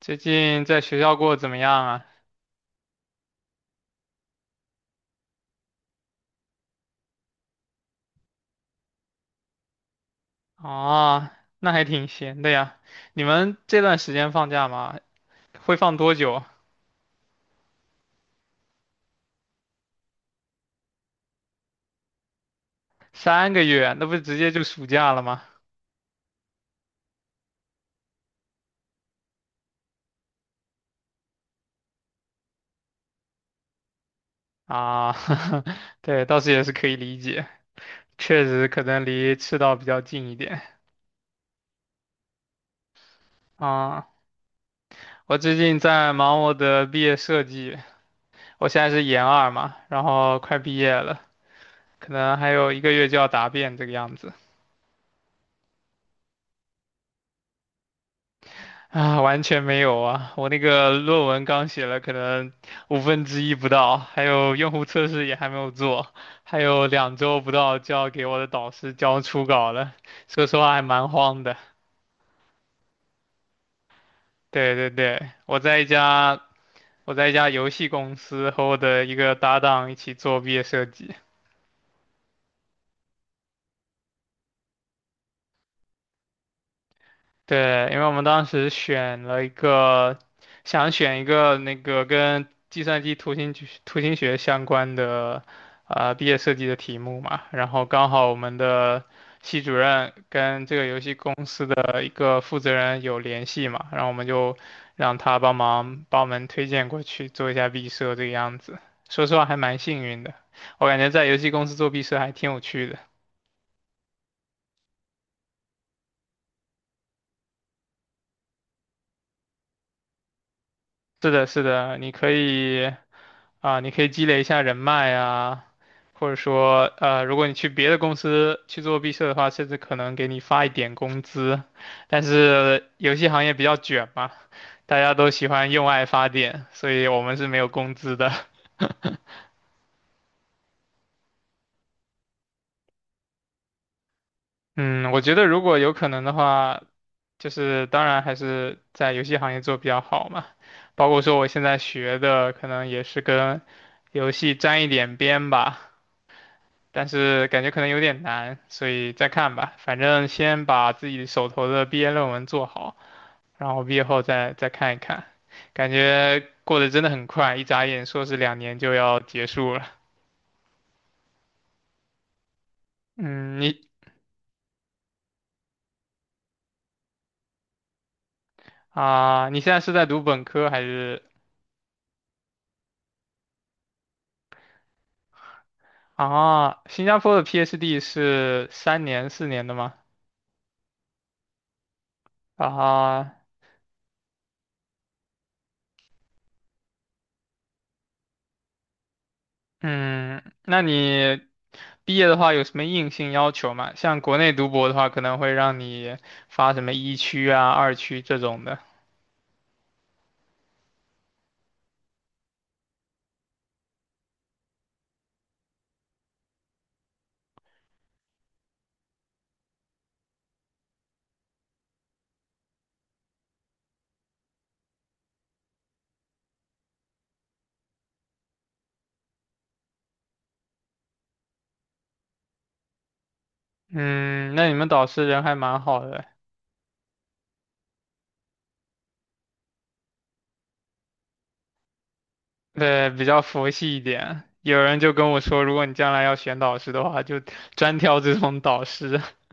最近在学校过得怎么样啊？啊，那还挺闲的呀。你们这段时间放假吗？会放多久？3个月，那不直接就暑假了吗？啊，对，倒是也是可以理解，确实可能离赤道比较近一点啊。我最近在忙我的毕业设计，我现在是研二嘛，然后快毕业了，可能还有1个月就要答辩这个样子。啊，完全没有啊！我那个论文刚写了，可能五分之一不到，还有用户测试也还没有做，还有2周不到就要给我的导师交初稿了。说实话还蛮慌的。对对对，我在一家游戏公司和我的一个搭档一起做毕业设计。对，因为我们当时选了一个，想选一个那个跟计算机图形学相关的毕业设计的题目嘛，然后刚好我们的系主任跟这个游戏公司的一个负责人有联系嘛，然后我们就让他帮忙帮我们推荐过去做一下毕设这个样子。说实话还蛮幸运的，我感觉在游戏公司做毕设还挺有趣的。是的，是的，你可以。啊，你可以积累一下人脉啊，或者说，如果你去别的公司去做毕设的话，甚至可能给你发一点工资。但是游戏行业比较卷嘛，大家都喜欢用爱发电，所以我们是没有工资的。嗯，我觉得如果有可能的话，就是当然还是在游戏行业做比较好嘛。包括说我现在学的，可能也是跟游戏沾一点边吧。但是感觉可能有点难，所以再看吧。反正先把自己手头的毕业论文做好，然后毕业后再看一看。感觉过得真的很快，一眨眼硕士2年就要结束了。嗯，你啊，你现在是在读本科还是啊？新加坡的 PhD 是3年4年的吗？啊，嗯，那你毕业的话有什么硬性要求吗？像国内读博的话，可能会让你发什么一区啊、二区这种的。嗯，那你们导师人还蛮好的，对，比较佛系一点。有人就跟我说，如果你将来要选导师的话，就专挑这种导师。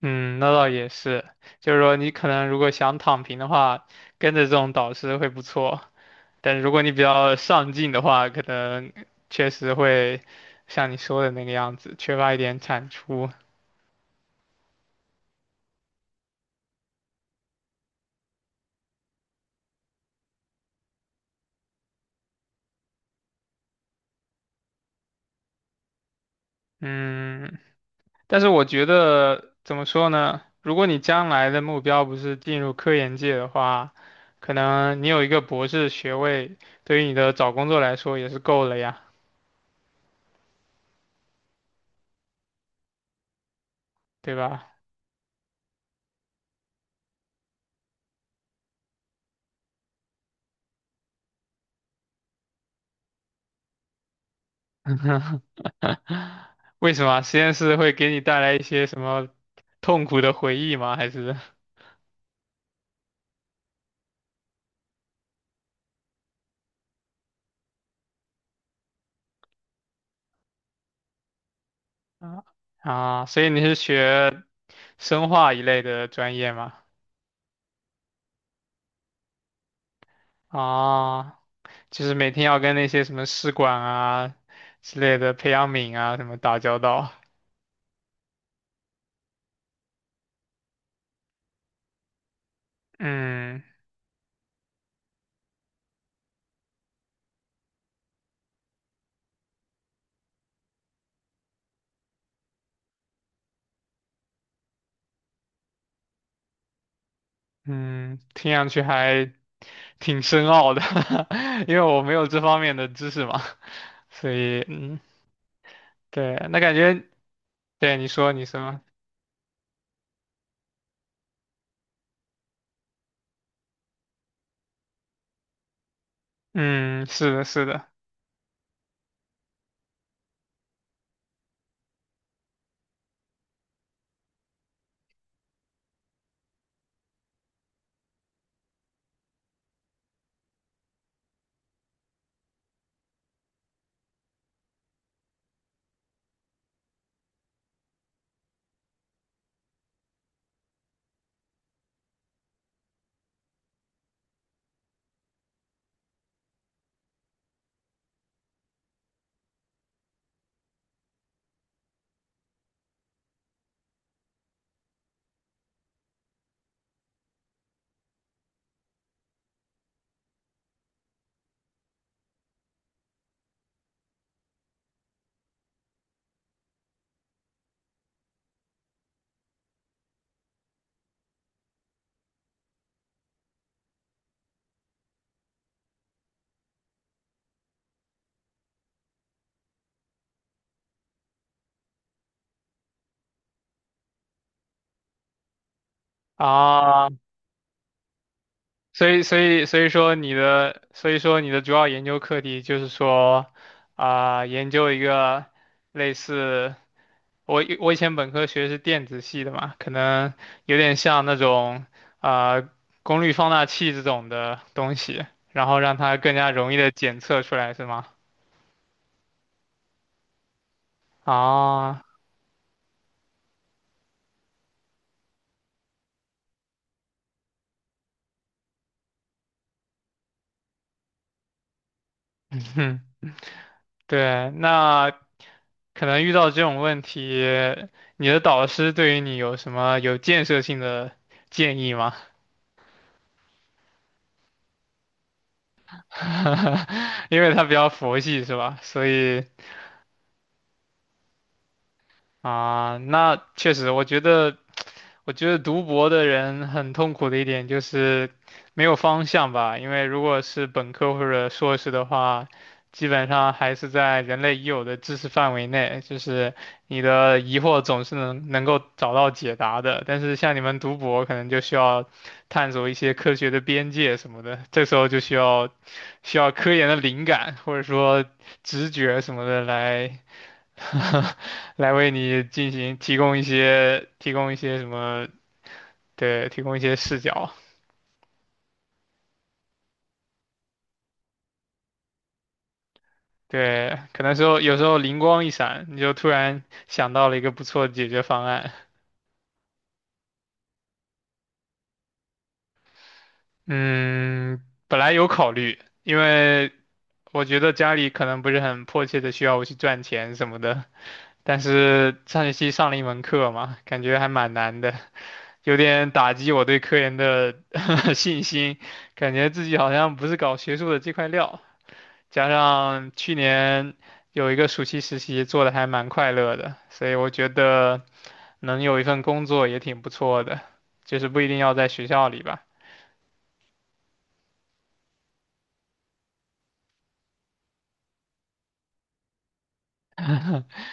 嗯，那倒也是，就是说你可能如果想躺平的话，跟着这种导师会不错。但是如果你比较上进的话，可能确实会像你说的那个样子，缺乏一点产出。嗯，但是我觉得怎么说呢？如果你将来的目标不是进入科研界的话，可能你有一个博士学位，对于你的找工作来说也是够了呀，对吧？为什么实验室会给你带来一些什么痛苦的回忆吗？还是啊啊？所以你是学生化一类的专业吗？啊，就是每天要跟那些什么试管啊之类的培养皿啊什么打交道。嗯嗯，听上去还挺深奥的。因为我没有这方面的知识嘛，所以嗯，对，那感觉对你说你什么，嗯，是的，是的啊，所以所以说你的主要研究课题就是说啊，研究一个类似。我以前本科学的是电子系的嘛，可能有点像那种啊、呃功率放大器这种的东西，然后让它更加容易的检测出来，是吗？啊，哼，对，那可能遇到这种问题，你的导师对于你有什么有建设性的建议吗？因为他比较佛系，是吧？所以啊、那确实，我觉得。我觉得读博的人很痛苦的一点就是没有方向吧，因为如果是本科或者硕士的话，基本上还是在人类已有的知识范围内，就是你的疑惑总是能够找到解答的。但是像你们读博，可能就需要探索一些科学的边界什么的，这时候就需要科研的灵感或者说直觉什么的来 来为你进行提供一些什么。对，提供一些视角。对，可能时候有时候灵光一闪，你就突然想到了一个不错的解决方案。嗯，本来有考虑，因为我觉得家里可能不是很迫切的需要我去赚钱什么的。但是上学期上了一门课嘛，感觉还蛮难的，有点打击我对科研的 信心，感觉自己好像不是搞学术的这块料。加上去年有一个暑期实习做的还蛮快乐的，所以我觉得能有一份工作也挺不错的，就是不一定要在学校里吧。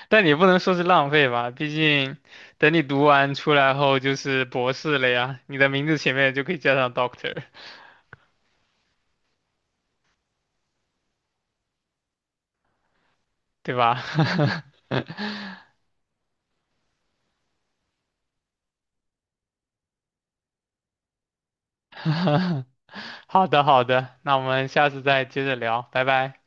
但你不能说是浪费吧，毕竟等你读完出来后就是博士了呀，你的名字前面就可以加上 Doctor，对吧？好的，好的，那我们下次再接着聊，拜拜。